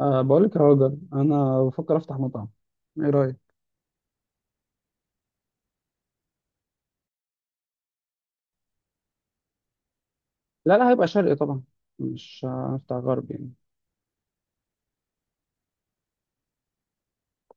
أه بقول لك يا راجل، انا بفكر افتح مطعم. ايه رايك؟ لا، هيبقى شرقي طبعا. مش هفتح غرب يعني.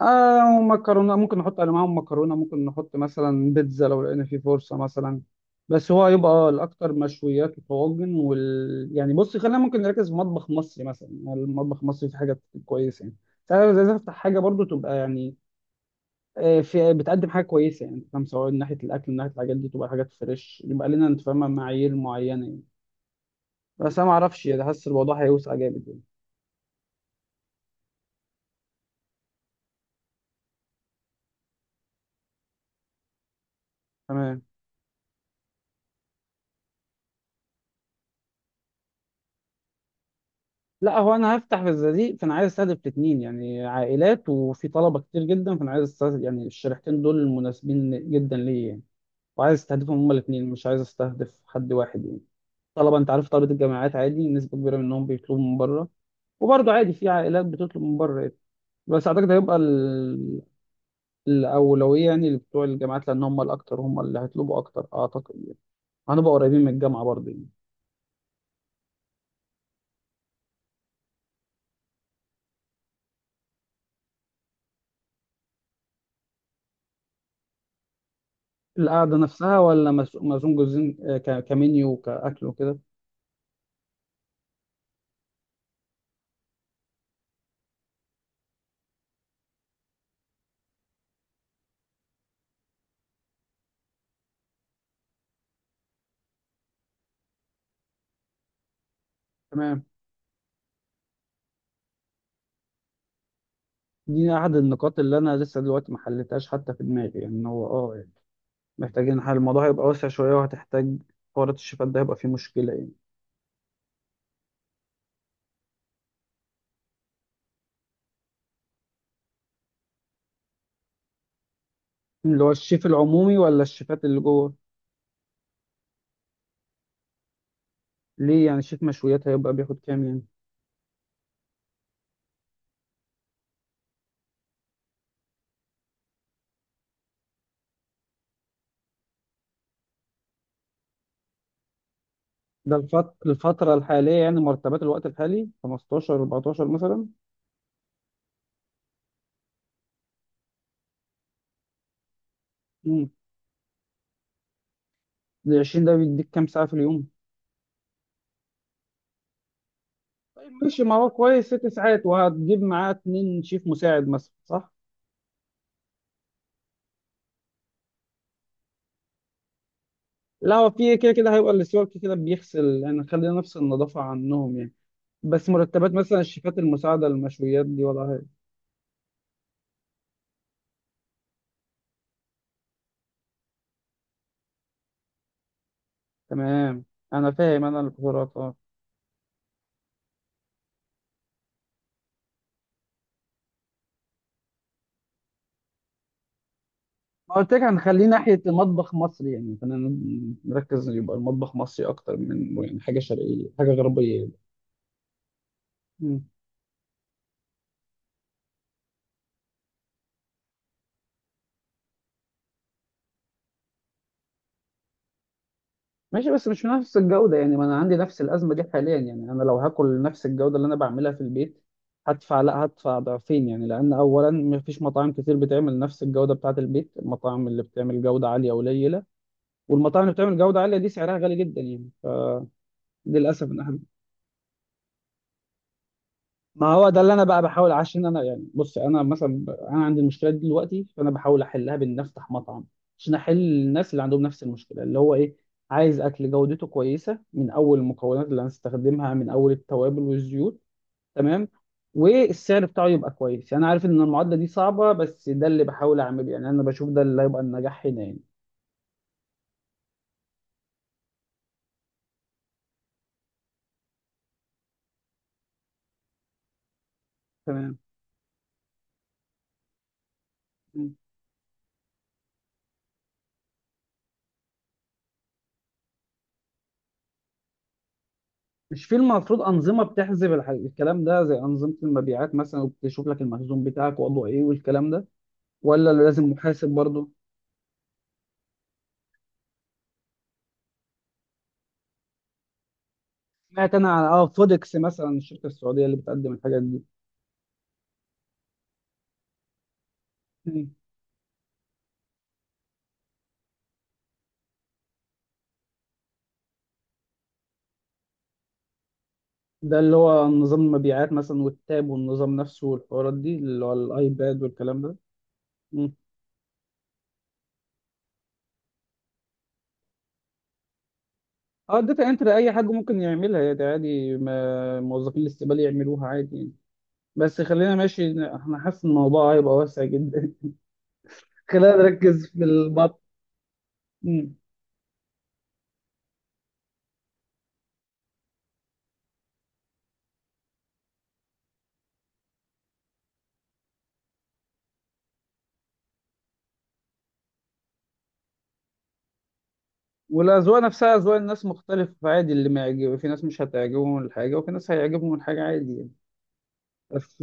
آه، ومكرونه ممكن نحط على معاهم مكرونه، ممكن نحط مثلا بيتزا لو لقينا في فرصه مثلا. بس هو هيبقى الاكتر مشويات وطواجن، وال يعني بص، خلينا ممكن نركز في مطبخ مصري مثلا يعني. المطبخ المصري في حاجات كويسه يعني. فانا عايز افتح حاجه برضو تبقى يعني في، بتقدم حاجه كويسه يعني، فاهم؟ سواء من ناحيه الاكل، من ناحيه الحاجات دي تبقى حاجات فريش، يبقى لنا انت فاهمه معايير معينه يعني. بس انا ما اعرفش يعني، حاسس الموضوع هيوسع جامد يعني. تمام. لا هو انا هفتح في الزقازيق، فانا عايز استهدف الاثنين يعني، عائلات وفي طلبه كتير جدا، فانا عايز استهدف يعني الشريحتين دول، مناسبين جدا ليا يعني. وعايز استهدفهم هما الاثنين، مش عايز استهدف حد واحد يعني. طلبه، انت عارف طلبه الجامعات عادي نسبه كبيره منهم بيطلبوا من بره، وبرضه عادي في عائلات بتطلب من بره يعني. بس اعتقد هيبقى ال... الاولويه يعني لبتوع الجامعات، لان هم الاكتر، هم اللي هيطلبوا اكتر اعتقد يعني. هنبقى قريبين من الجامعه برضه يعني. القعدة نفسها ولا مزوم جزئين؟ آه، كمنيو وكأكل وكده. تمام. دي أحد النقاط اللي أنا لسه دلوقتي ما حلتهاش حتى في دماغي يعني، إن هو أه يعني محتاجين حل. الموضوع هيبقى واسع شوية وهتحتاج حوارات. الشيفات ده هيبقى فيه مشكلة يعني. اللي هو الشيف العمومي ولا الشيفات اللي جوه؟ ليه يعني شيف مشويات هيبقى بياخد كام يعني؟ ده الفت... الفترة الحالية يعني، مرتبات الوقت الحالي 15 14 مثلا. امم، ال 20 ده بيديك كام ساعة في اليوم؟ طيب ماشي، ما هو كويس ست ساعات. وهتجيب معاه اتنين شيف مساعد مثلا صح؟ لا هو في كده كده هيبقى السيول كده كده بيغسل يعني، خلينا نفس النظافة عنهم يعني. بس مرتبات مثلا الشيفات المساعدة للمشويات دي وضعها إيه؟ تمام، أنا فاهم، أنا القدرات أه. ما قلت لك هنخليه ناحية المطبخ مصري يعني، خلينا نركز، يبقى المطبخ مصري أكتر من يعني حاجة شرقية حاجة غربية يعني. ماشي، بس مش نفس الجودة يعني، ما انا عندي نفس الأزمة دي حاليا يعني. انا لو هاكل نفس الجودة اللي انا بعملها في البيت، هدفع لا هدفع ضعفين يعني، لأن أولا مفيش مطاعم كتير بتعمل نفس الجودة بتاعة البيت. المطاعم اللي بتعمل جودة عالية قليلة، والمطاعم اللي بتعمل جودة عالية دي سعرها غالي جدا يعني. فللأسف، ما هو ده اللي انا بقى بحاول. عشان انا يعني، بص، انا مثلا انا عندي المشكله دي دلوقتي، فانا بحاول احلها بان افتح مطعم عشان احل الناس اللي عندهم نفس المشكله. اللي هو ايه؟ عايز اكل جودته كويسه من اول المكونات اللي هنستخدمها، من اول التوابل والزيوت. تمام. والسعر بتاعه يبقى كويس يعني. عارف ان المعادله دي صعبه، بس ده اللي بحاول اعمله يعني. انا بشوف ده اللي هيبقى النجاح هنا يعني. تمام. م. مش في المفروض أنظمة بتحسب الكلام ده، زي أنظمة المبيعات مثلا، وبتشوف لك المخزون بتاعك وضعه إيه والكلام ده؟ ولا لازم محاسب برضه؟ سمعت انا على فودكس مثلا، الشركه السعوديه اللي بتقدم الحاجات دي. مم. ده اللي هو نظام المبيعات مثلا والتاب والنظام نفسه والحوارات دي اللي هو الايباد والكلام ده. مم. اه الداتا انتر اي حد ممكن يعملها يعني عادي، ما موظفين الاستقبال يعملوها عادي يعني. بس خلينا ماشي، انا حاسس ان الموضوع هيبقى واسع جدا. خلينا نركز في البط. مم. والاذواق نفسها، اذواق الناس مختلفه عادي، اللي ما يعجب، في ناس مش هتعجبهم الحاجه وفي ناس هيعجبهم الحاجه عادي يعني. بس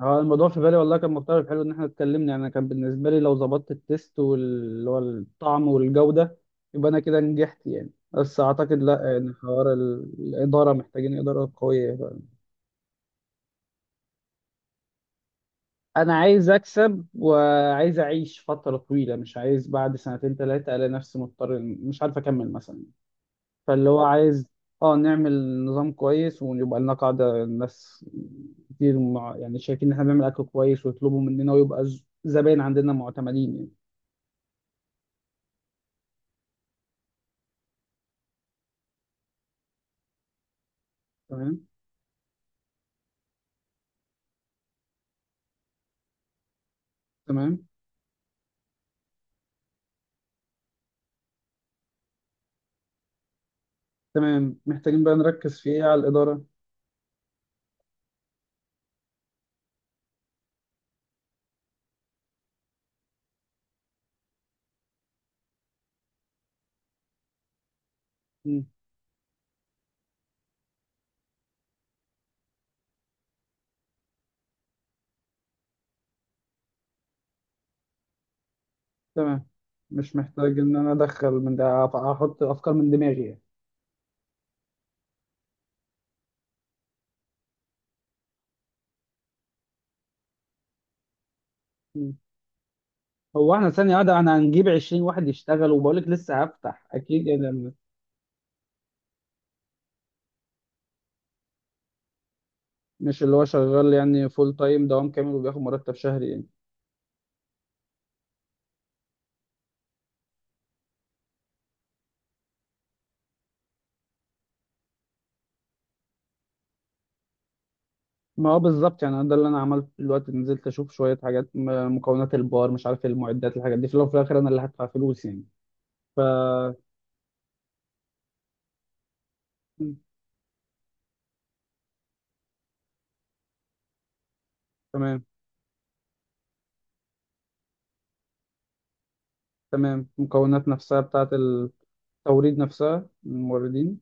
اه، الموضوع في بالي والله كان مختلف. حلو ان احنا اتكلمنا يعني. انا كان بالنسبه لي لو ظبطت التيست واللي هو الطعم والجوده يبقى انا كده نجحت يعني. بس اعتقد لا يعني، حوار الاداره، محتاجين اداره قويه. انا عايز اكسب وعايز اعيش فتره طويله، مش عايز بعد سنتين ثلاثه الاقي نفسي مضطر مش عارف اكمل مثلا. فاللي هو عايز، اه، نعمل نظام كويس ويبقى لنا قاعده الناس كتير، مع يعني، شايفين ان احنا بنعمل اكل كويس ويطلبوا مننا ويبقى زباين عندنا معتمدين يعني. تمام. تمام. تمام، محتاجين بقى نركز في ايه على الإدارة. مم. تمام، مش محتاج ان انا ادخل من ده احط افكار من دماغي يعني. مم. هو احنا ثانية واحدة، احنا هنجيب 20 واحد يشتغل؟ وبقولك لسه هفتح اكيد يعني. مش اللي هو شغال يعني فول تايم، دوام كامل وبياخد مرتب شهري يعني؟ ما هو بالظبط يعني، ده اللي انا عملته دلوقتي، نزلت اشوف شوية حاجات، مكونات البار، مش عارف إيه، المعدات الحاجات دي. في الاول وفي الاخر انا اللي هدفع فلوس يعني. ف مم. تمام. تمام، المكونات نفسها بتاعت توريد، نفسها من الموردين.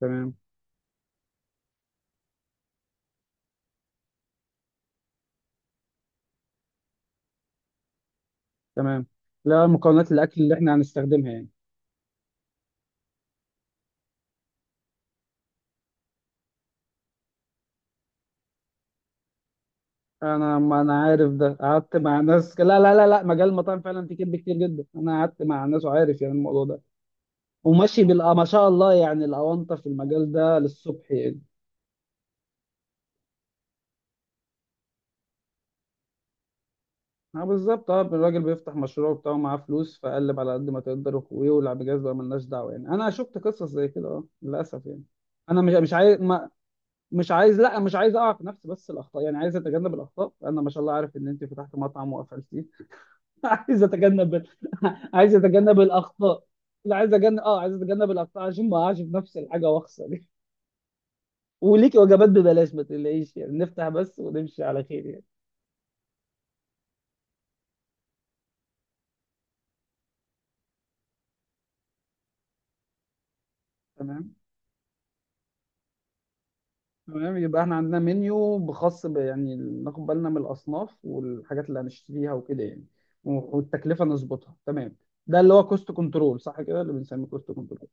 تمام. تمام، لا، مكونات الاكل اللي احنا هنستخدمها يعني. انا، ما انا عارف ده، قعدت مع ناس. لا، مجال المطاعم فعلا فيه كذب كتير جدا. انا قعدت مع ناس وعارف يعني الموضوع ده، وماشي بال ما شاء الله يعني، الاونطه في المجال ده للصبح يعني. اه بالظبط، اه الراجل بيفتح مشروع بتاعه معاه فلوس، فقلب على قد ما تقدر ويولع بجاز بقى، ملناش دعوه يعني. انا شفت قصص زي كده اه للاسف يعني. انا مش عايز، مش عايز لا مش عايز اقع في نفس بس الاخطاء يعني، عايز اتجنب الاخطاء. انا ما شاء الله عارف ان انت فتحت مطعم وقفلتيه. عايز اتجنب عايز اتجنب الاخطاء. لا عايز اتجنب، اه عايز اتجنب الاخطاء عشان ما اقعش في نفس الحاجه واخسر يعني. وليك وجبات ببلاش ما تقلقيش يعني، نفتح بس ونمشي على خير يعني. تمام. تمام، يبقى احنا عندنا منيو بخاص ب يعني، ناخد بالنا من الاصناف والحاجات اللي هنشتريها وكده يعني. والتكلفه نظبطها. تمام. ده اللي هو كوست كنترول صح كده، اللي بنسميه كوست كنترول.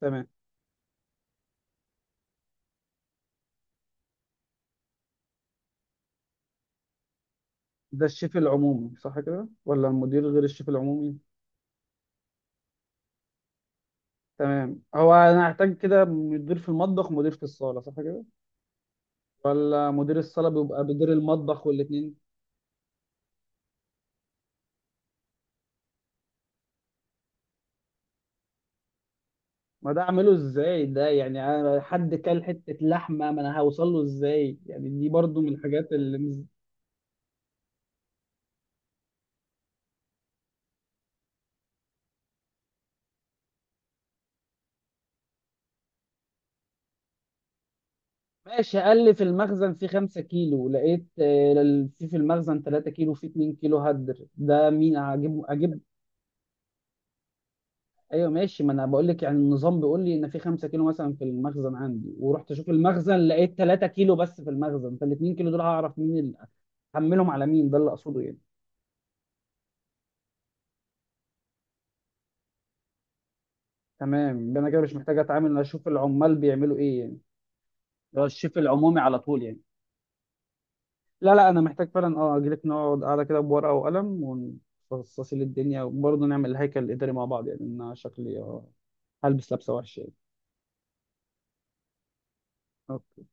تمام. ده الشيف العمومي صح كده، ولا المدير غير الشيف العمومي؟ تمام، هو انا هحتاج كده مدير في المطبخ ومدير في الصاله صح كده؟ ولا مدير الصاله بيبقى مدير المطبخ والاثنين؟ ما ده اعمله ازاي ده يعني، انا حد كل حته لحمه ما انا هوصل له ازاي يعني، دي برضو من الحاجات اللي مز... ماشي، قال لي في المخزن في 5 كيلو، لقيت آه، في المخزن 3 كيلو، في 2 كيلو هدر، ده مين هجيب اجيب؟ ايوه ماشي، ما انا بقول لك يعني، النظام بيقول لي ان في 5 كيلو مثلا في المخزن عندي، ورحت اشوف المخزن لقيت 3 كيلو بس في المخزن، فال 2 كيلو دول هعرف مين اللي احملهم على مين، ده اللي اقصده يعني. تمام، يبقى انا كده مش محتاج اتعامل، انا اشوف العمال بيعملوا ايه يعني؟ ده الشيف العمومي على طول يعني؟ لا لا، انا محتاج فعلا، اه اجيلك نقعد قاعده كده بورقه وقلم، ونفصصي للدنيا، وبرضه نعمل الهيكل الاداري مع بعض يعني. إن انا شكلي آه، هلبس لبسه وحشه يعني. أوكي.